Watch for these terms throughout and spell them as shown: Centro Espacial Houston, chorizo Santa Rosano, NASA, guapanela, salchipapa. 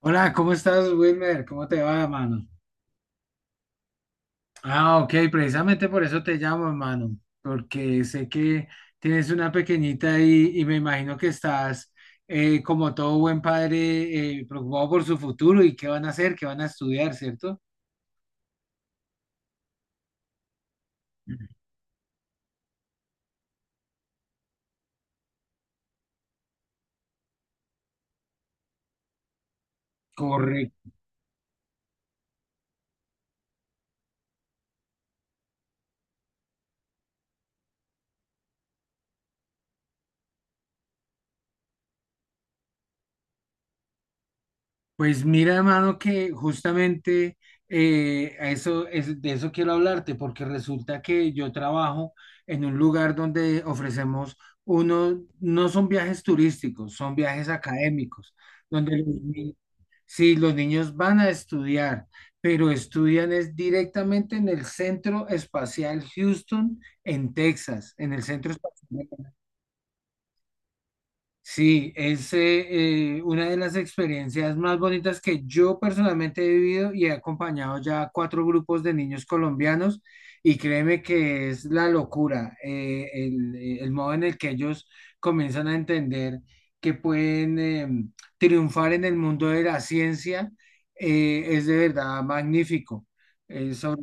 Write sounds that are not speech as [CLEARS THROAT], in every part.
Hola, ¿cómo estás, Wilmer? ¿Cómo te va, mano? Ah, ok, precisamente por eso te llamo, mano, porque sé que tienes una pequeñita ahí y me imagino que estás, como todo buen padre, preocupado por su futuro y qué van a hacer, qué van a estudiar, ¿cierto? Correcto. Pues mira, hermano, que justamente de eso quiero hablarte, porque resulta que yo trabajo en un lugar donde ofrecemos unos, no son viajes turísticos, son viajes académicos, donde los, ni- sí, los niños van a estudiar, pero estudian es directamente en el Centro Espacial Houston, en Texas, en el Centro Espacial. Sí, es una de las experiencias más bonitas que yo personalmente he vivido y he acompañado ya a cuatro grupos de niños colombianos y créeme que es la locura, el modo en el que ellos comienzan a entender que pueden triunfar en el mundo de la ciencia, es de verdad magnífico. Sobre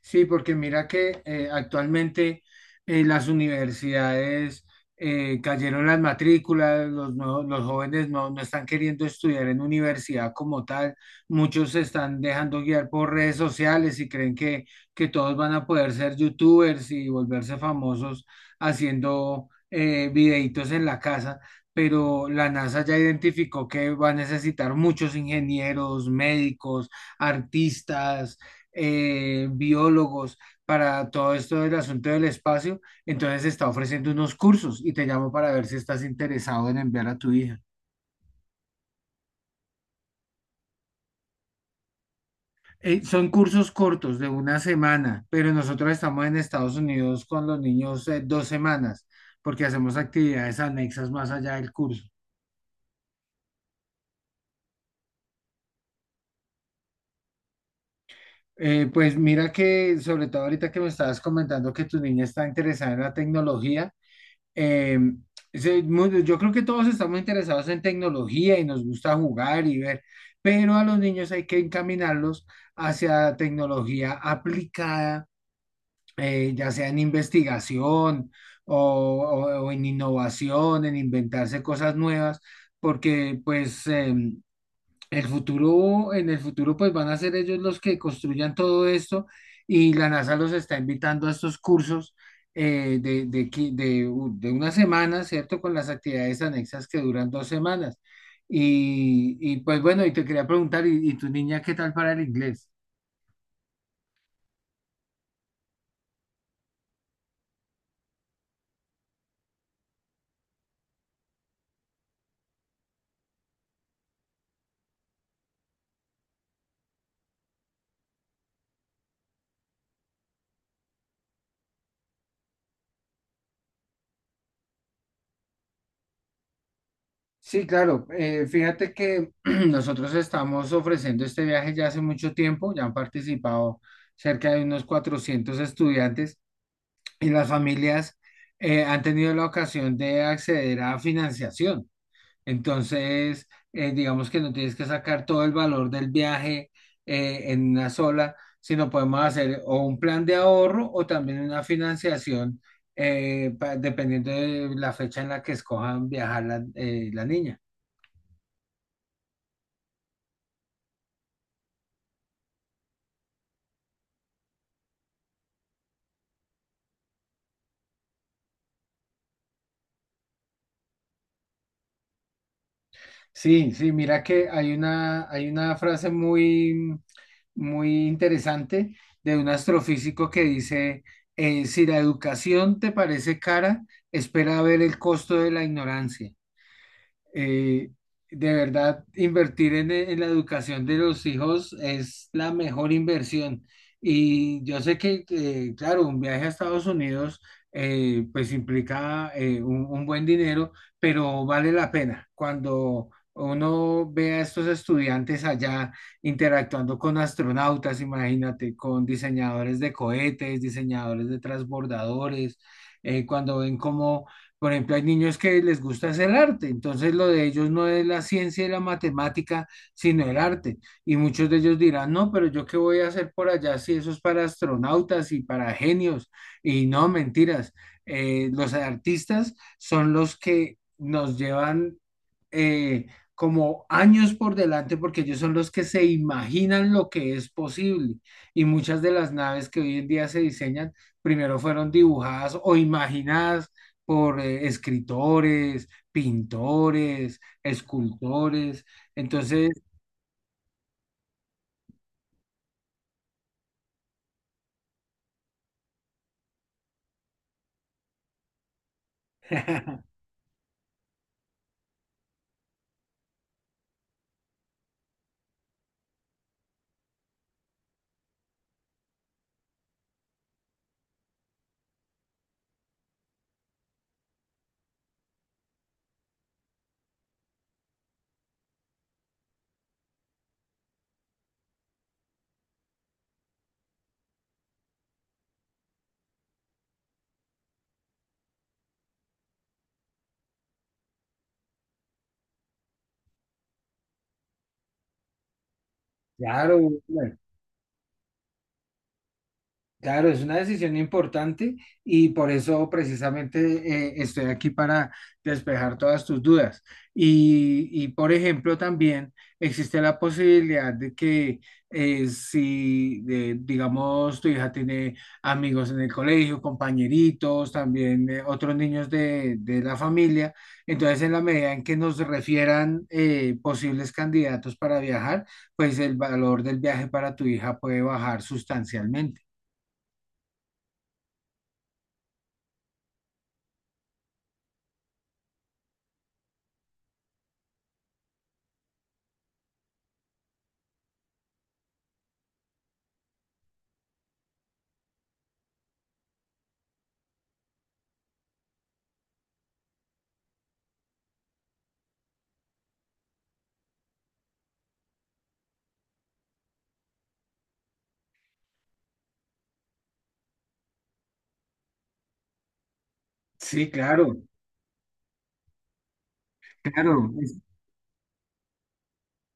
Sí, porque mira que actualmente las universidades cayeron las matrículas, los jóvenes no, no están queriendo estudiar en universidad como tal, muchos se están dejando guiar por redes sociales y creen que todos van a poder ser youtubers y volverse famosos haciendo videitos en la casa. Pero la NASA ya identificó que va a necesitar muchos ingenieros, médicos, artistas, biólogos para todo esto del asunto del espacio, entonces está ofreciendo unos cursos y te llamo para ver si estás interesado en enviar a tu hija. Son cursos cortos de una semana, pero nosotros estamos en Estados Unidos con los niños 2 semanas, porque hacemos actividades anexas más allá del curso. Pues mira que sobre todo ahorita que me estabas comentando que tu niña está interesada en la tecnología. Eh, yo creo que todos estamos interesados en tecnología y nos gusta jugar y ver, pero a los niños hay que encaminarlos hacia tecnología aplicada, ya sea en investigación o, o en innovación, en inventarse cosas nuevas, porque pues, en el futuro, pues van a ser ellos los que construyan todo esto y la NASA los está invitando a estos cursos de, qui- de u- de una semana, ¿cierto? Con las actividades anexas que duran 2 semanas. Y, pues bueno, y te quería preguntar, ¿y tu niña qué tal para el inglés? Sí, claro. Fíjate que [CLEARS THROAT] nosotros estamos ofreciendo este viaje ya hace mucho tiempo, ya han participado cerca de unos 400 estudiantes. Y las familias han tenido la ocasión de acceder a financiación. Entonces, digamos que no tienes que sacar todo el valor del viaje en una sola, sino podemos hacer o un plan de ahorro o también una financiación, dependiendo de la fecha en la que escojan viajar la niña. Sí, sí, mira que hay una frase muy, muy interesante de un astrofísico que dice, si la educación te parece cara, espera a ver el costo de la ignorancia. eh, de verdad, invertir en la educación de los hijos es la mejor inversión. Y yo sé que, claro, un viaje a Estados Unidos pues implica un buen dinero, pero vale la pena. Cuando uno ve a estos estudiantes allá interactuando con astronautas, imagínate, con diseñadores de cohetes, diseñadores de transbordadores, cuando ven cómo, por ejemplo, hay niños que les gusta hacer arte, entonces lo de ellos no es la ciencia y la matemática, sino el arte. Y muchos de ellos dirán, no, pero yo qué voy a hacer por allá si eso es para astronautas y para genios. Y no, mentiras. Los artistas son los que nos llevan eh, como años por delante porque ellos son los que se imaginan lo que es posible. Y muchas de las naves que hoy en día se diseñan primero fueron dibujadas o imaginadas por escritores, pintores, escultores. Entonces. [LAUGHS] Claro, bueno, claro, es una decisión importante y por eso precisamente estoy aquí para despejar todas tus dudas. Y, por ejemplo, también existe la posibilidad de que si, digamos, tu hija tiene amigos en el colegio, compañeritos, también otros niños de la familia, entonces en la medida en que nos refieran posibles candidatos para viajar, pues el valor del viaje para tu hija puede bajar sustancialmente. Sí, claro, claro.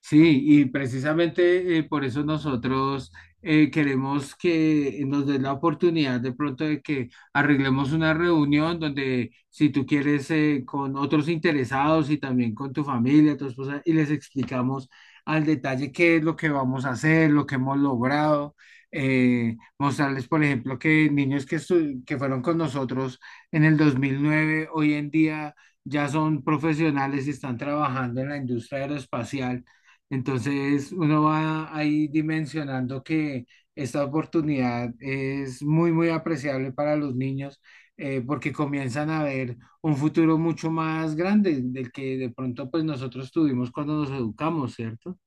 Sí, y precisamente por eso nosotros queremos que nos den la oportunidad de pronto de que arreglemos una reunión donde si tú quieres con otros interesados y también con tu familia, tu esposa, y les explicamos al detalle qué es lo que vamos a hacer, lo que hemos logrado, mostrarles, por ejemplo, que niños que fueron con nosotros en el 2009 hoy en día ya son profesionales y están trabajando en la industria aeroespacial, entonces uno va ahí dimensionando que esta oportunidad es muy, muy apreciable para los niños, porque comienzan a ver un futuro mucho más grande del que de pronto pues nosotros tuvimos cuando nos educamos, ¿cierto?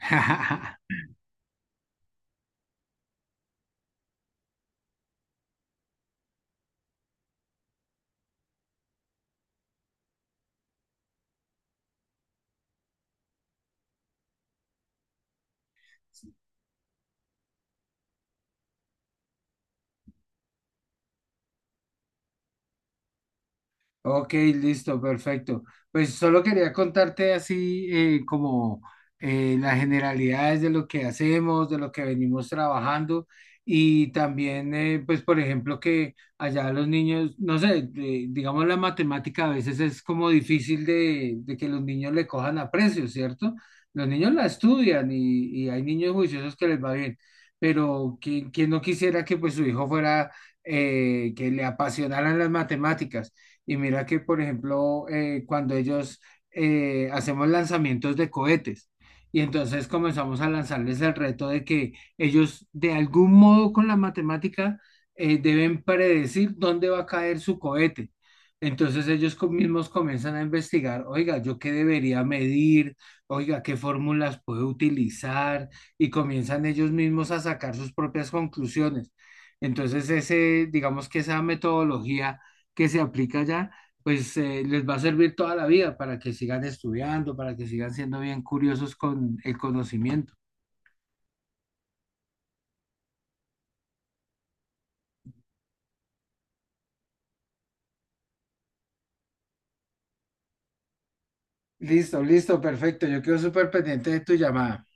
[LAUGHS] Ok, listo, perfecto. Pues solo quería contarte así como las generalidades de lo que hacemos, de lo que venimos trabajando y también, pues por ejemplo, que allá los niños, no sé, digamos la matemática a veces es como difícil de que los niños le cojan aprecio, ¿cierto? Los niños la estudian y hay niños juiciosos que les va bien, pero ¿quién no quisiera que pues su hijo fuera, que le apasionaran las matemáticas? Y mira que, por ejemplo, cuando ellos hacemos lanzamientos de cohetes, y entonces comenzamos a lanzarles el reto de que ellos, de algún modo con la matemática, deben predecir dónde va a caer su cohete. Entonces ellos mismos comienzan a investigar, oiga, ¿yo qué debería medir? Oiga, ¿qué fórmulas puedo utilizar? Y comienzan ellos mismos a sacar sus propias conclusiones. Entonces ese, digamos que esa metodología que se aplica allá, pues les va a servir toda la vida para que sigan estudiando, para que sigan siendo bien curiosos con el conocimiento. Listo, listo, perfecto. Yo quedo súper pendiente de tu llamada.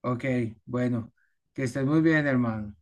Ok, bueno, que estés muy bien, hermano.